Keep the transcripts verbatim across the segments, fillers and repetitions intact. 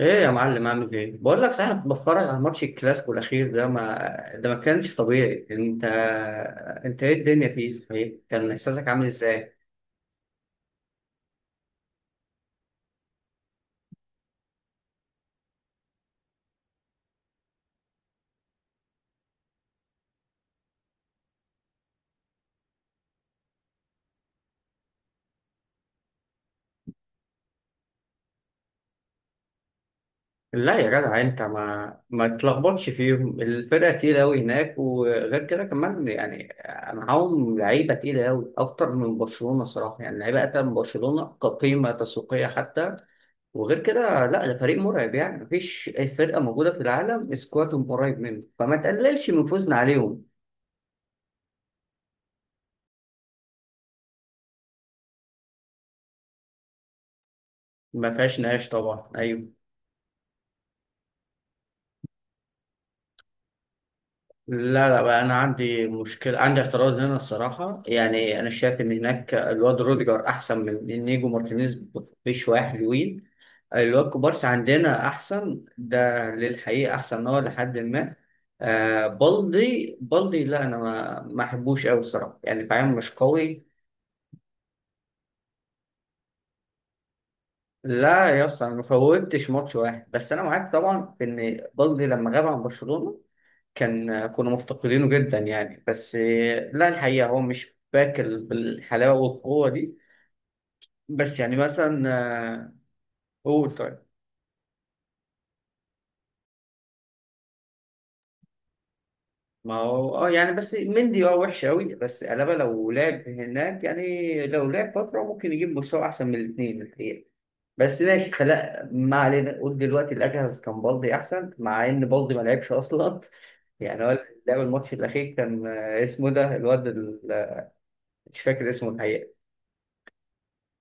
ايه يا معلم، عامل ايه؟ بقول لك، صحيح أنا كنت بتفرج على ماتش الكلاسيكو الاخير ده ما ده ما كانش طبيعي. انت انت ايه الدنيا فيه، صحيح؟ كان احساسك عامل ازاي؟ لا يا جدع، انت ما ما تلخبطش فيهم، الفرقه تقيله قوي هناك، وغير كده كمان يعني، معاهم لعيبه تقيله قوي اكتر من برشلونه صراحه، يعني لعيبه اكتر من برشلونه كقيمه تسويقيه حتى. وغير كده، لا، ده فريق مرعب يعني، مفيش أي فرقه موجوده في العالم سكوادهم قريب منه، فما تقللش من فوزنا عليهم. ما فيهاش نقاش طبعا، ايوه. لا لا بقى، انا عندي مشكله، عندي اعتراض هنا الصراحه يعني، انا شايف ان هناك الواد روديجر احسن من نيجو مارتينيز بشويه حلوين. الواد كوبارسي عندنا احسن، ده للحقيقه احسن هو، لحد ما آه بالدي بالدي. لا انا ما ما احبوش قوي الصراحه يعني، فاهم؟ مش قوي. لا يا اسطى، انا ما فوتش ماتش واحد، بس انا معاك طبعا في ان بالدي لما غاب عن برشلونه كان كنا مفتقدينه جدا يعني، بس آه، لا الحقيقة هو مش باكل بالحلاوة والقوة دي. بس يعني مثلا، آه، قول. طيب ما هو اه يعني، بس مندي اه وحش قوي، بس ألابا لو لعب هناك يعني، لو لعب فترة ممكن يجيب مستوى أحسن من الاثنين الحقيقة. بس ماشي، خلا ما علينا، قول دلوقتي الأجهز كان بالدي أحسن مع إن بالدي ما لعبش أصلا. يعني هو لعب الماتش الأخير، كان آه، اسمه ده الواد ال- مش فاكر اسمه الحقيقة.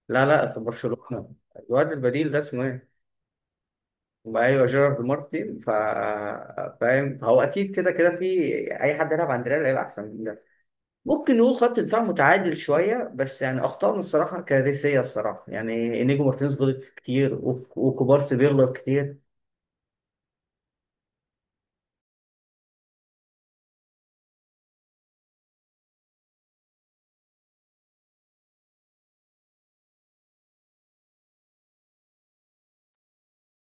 لا لا، في برشلونة. الواد البديل ده اسمه ايه؟ ايوه، جيرارد مارتن. فا فاهم هو، اكيد كده كده، في اي حد يلعب عند ريال هيبقى احسن من ده. ممكن نقول خط دفاع متعادل شويه، بس يعني اخطائنا الصراحه كارثيه الصراحه، يعني انيجو مارتينيز غلط كتير، و- وكوبارسي بيغلط كتير.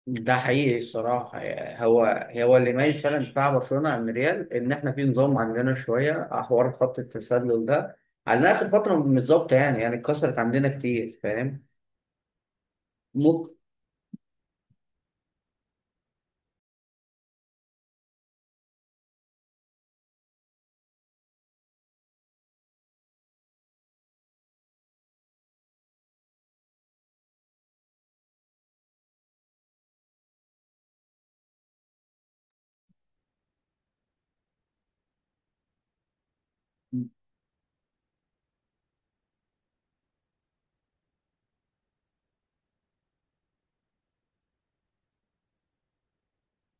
ده حقيقي الصراحة، هو هو اللي يميز فعلا دفاع برشلونة عن ريال، إن إحنا في نظام عندنا شوية حوار خط التسلل ده، على آخر فترة مش ظابطة يعني يعني اتكسرت عندنا كتير، فاهم؟ ممكن.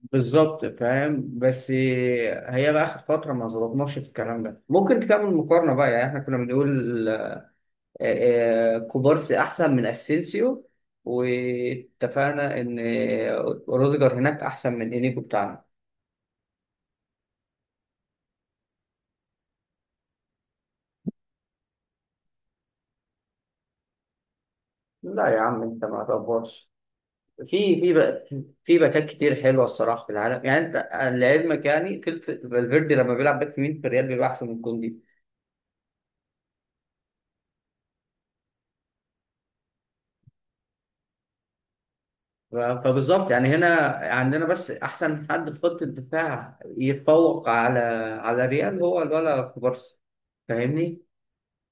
بالظبط فاهم، بس هي بقى اخر فتره ما ظبطناش في الكلام ده. ممكن تعمل مقارنه بقى، يعني احنا كنا بنقول آه، آه، كوبارسي احسن من اسينسيو، واتفقنا ان آه، روديجر هناك احسن من انيجو بتاعنا. لا يا عم، انت ما تقفرش، في في بقى، في باكات كتير حلوه الصراحه في العالم يعني انت، لعلمك يعني، فيل- فالفيردي لما بيلعب باك يمين في الريال بيبقى احسن من كوندي. ف- فبالظبط يعني، هنا عندنا بس احسن حد في خط الدفاع يتفوق على على ريال هو الولا كوبارسي، فاهمني؟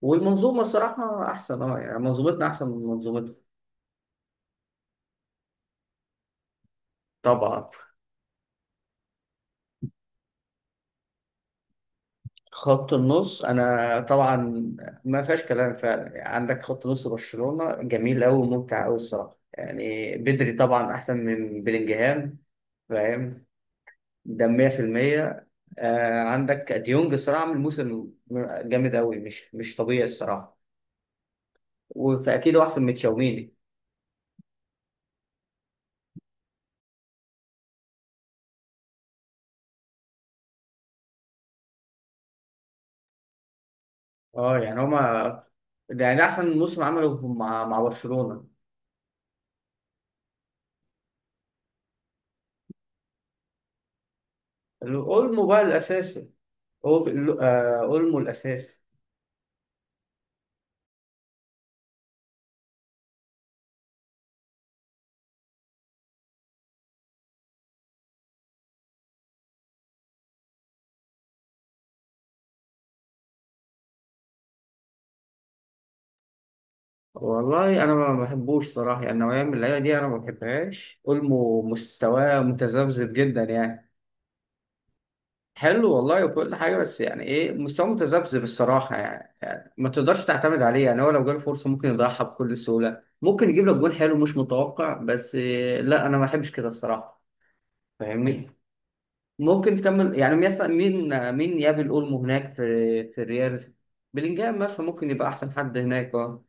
والمنظومه الصراحه احسن اه يعني، منظومتنا احسن من منظومتهم طبعا. خط النص، انا طبعا ما فيهاش كلام فعلا يعني. عندك خط نص برشلونه جميل قوي وممتع قوي الصراحه يعني، بدري طبعا احسن من بلينجهام، فاهم؟ ده مية في المية. آه عندك ديونج الصراحه عامل موسم جامد قوي، مش مش طبيعي الصراحه، وفاكيد هو احسن من تشاوميني. اه يعني هما ده يعني احسن موسم عمله مع مع برشلونه. اولمو بقى الاساسي هو. آه اولمو الاساسي. والله انا ما بحبوش صراحه يعني، نوعيه من اللعيبه دي انا ما بحبهاش. اولمو مستواه متذبذب جدا يعني، حلو والله وكل حاجه، بس يعني ايه، مستواه متذبذب الصراحه يعني، ما تقدرش تعتمد عليه. يعني هو لو جاله فرصه ممكن يضيعها بكل سهوله، ممكن يجيب لك جول حلو مش متوقع، بس آه، لا انا ما بحبش كده الصراحه، فاهمني؟ ممكن تكمل. يعني مثلا مين آه، مين يقابل اولمو هناك في في الريال؟ بلينجهام مثلا ممكن يبقى احسن حد هناك، اه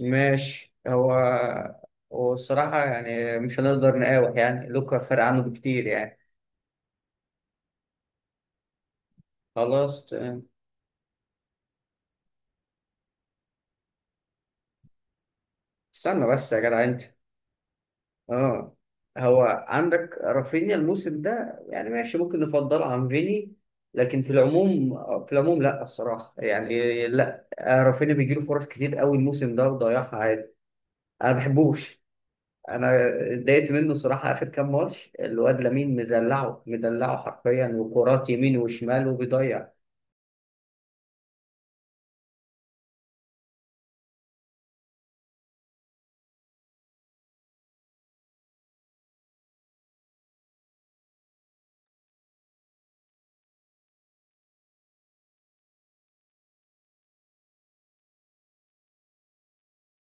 ماشي. هو هو الصراحة يعني، مش هنقدر نقاوح يعني، لوكا فرق عنه بكتير يعني. خلاص تمام. استنى بس يا جدع، انت! اه هو عندك رافينيا الموسم ده يعني ماشي، ممكن نفضله عن فيني، لكن في العموم في العموم لا الصراحه يعني، لا رافينيا بيجيله فرص كتير قوي الموسم ده وضيعها عادي. انا ما بحبوش. انا اتضايقت منه الصراحه اخر كام ماتش. الواد لامين مدلعه مدلعه حرفيا، وكرات يمين وشمال وبيضيع.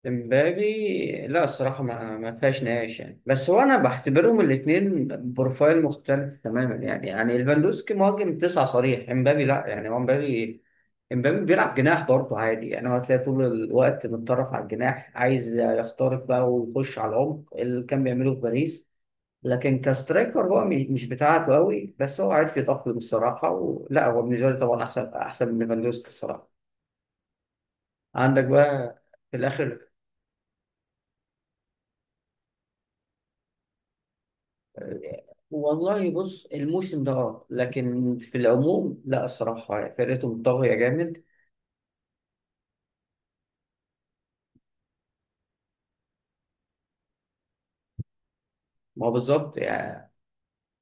امبابي لا الصراحة ما ما فيهاش نقاش يعني، بس هو أنا بعتبرهم الاتنين بروفايل مختلف تماما يعني يعني ليفاندوسكي مهاجم تسعة صريح، امبابي لا يعني، هو امبابي امبابي بيلعب جناح برضه عادي يعني. هو هتلاقي طول الوقت متطرف على الجناح، عايز يخترق بقى ويخش على العمق اللي كان بيعمله في باريس، لكن كسترايكر هو م- مش بتاعته قوي، بس هو عارف يتأقلم الصراحة. ولا هو بالنسبة لي طبعا أحسن أحسن من ليفاندوسكي الصراحة. عندك بقى في الآخر، والله بص الموسم ده اه لكن في العموم لا الصراحة فرقته منطوية جامد. ما هو بالظبط يعني،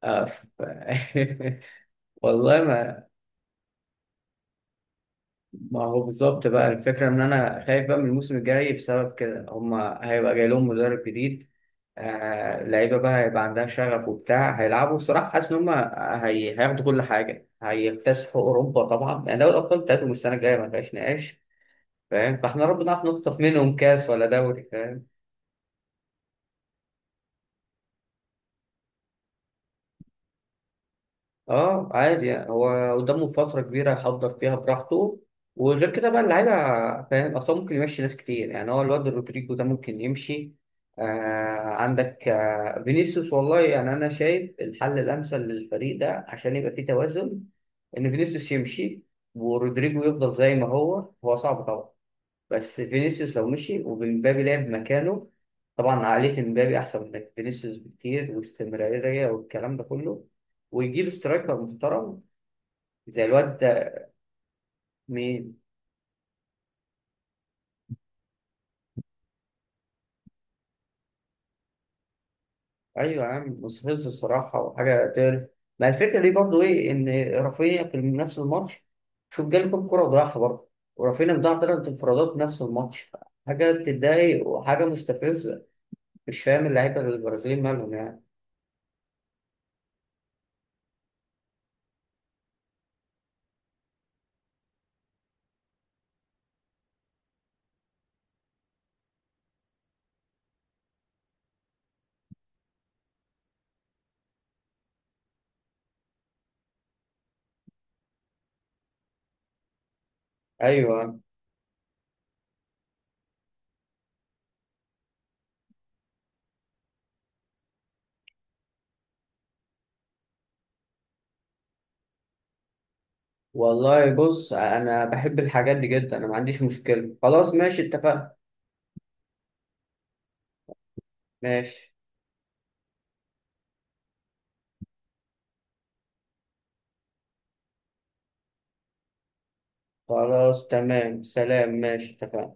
آه، ف- والله ما. ما هو بالظبط بقى الفكرة، إن أنا خايف بقى من الموسم الجاي بسبب كده. هما هيبقى جاي لهم مدرب جديد، آه لعيبة بقى هيبقى عندها شغف وبتاع، هيلعبوا الصراحة. حاسس إن هما هي... هياخدوا كل حاجة، هيكتسحوا أوروبا طبعا يعني. دوري الأبطال بتاعتهم السنة الجاية ما فيهاش نقاش، فاهم؟ فاحنا ربنا نعرف نخطف منهم كاس ولا دوري، فاهم؟ اه عادي يعني، هو قدامه فترة كبيرة يحضر فيها براحته، وغير كده بقى اللعيبة، فاهم؟ أصلا ممكن يمشي ناس كتير يعني، هو الواد رودريجو ده ممكن يمشي. آه عندك آه فينيسيوس، والله يعني أنا شايف الحل الأمثل للفريق ده عشان يبقى فيه توازن، إن فينيسيوس يمشي، ورودريجو يفضل زي ما هو. هو صعب طبعا، بس فينيسيوس لو مشي ومبابي لعب مكانه، طبعا عقلية مبابي أحسن من فينيسيوس بكتير، واستمرارية والكلام ده كله، ويجيب سترايكر محترم زي الواد ده. مين؟ أيوة يا عم، مستفز الصراحة وحاجة تقرف. ما الفكرة دي برضه إيه؟ إن رافينيا في نفس الماتش، شوف، جالكم كرة وضيعها برضه، ورافينيا مضيع تلات انفرادات نفس الماتش. حاجة بتضايق وحاجة مستفزة. مش فاهم اللعيبة البرازيليين مالهم يعني. أيوة، والله بص، انا بحب الحاجات دي جدا، انا ما عنديش مشكلة، خلاص ماشي اتفقنا. ماشي خلاص تمام، سلام ماشي اتفقنا.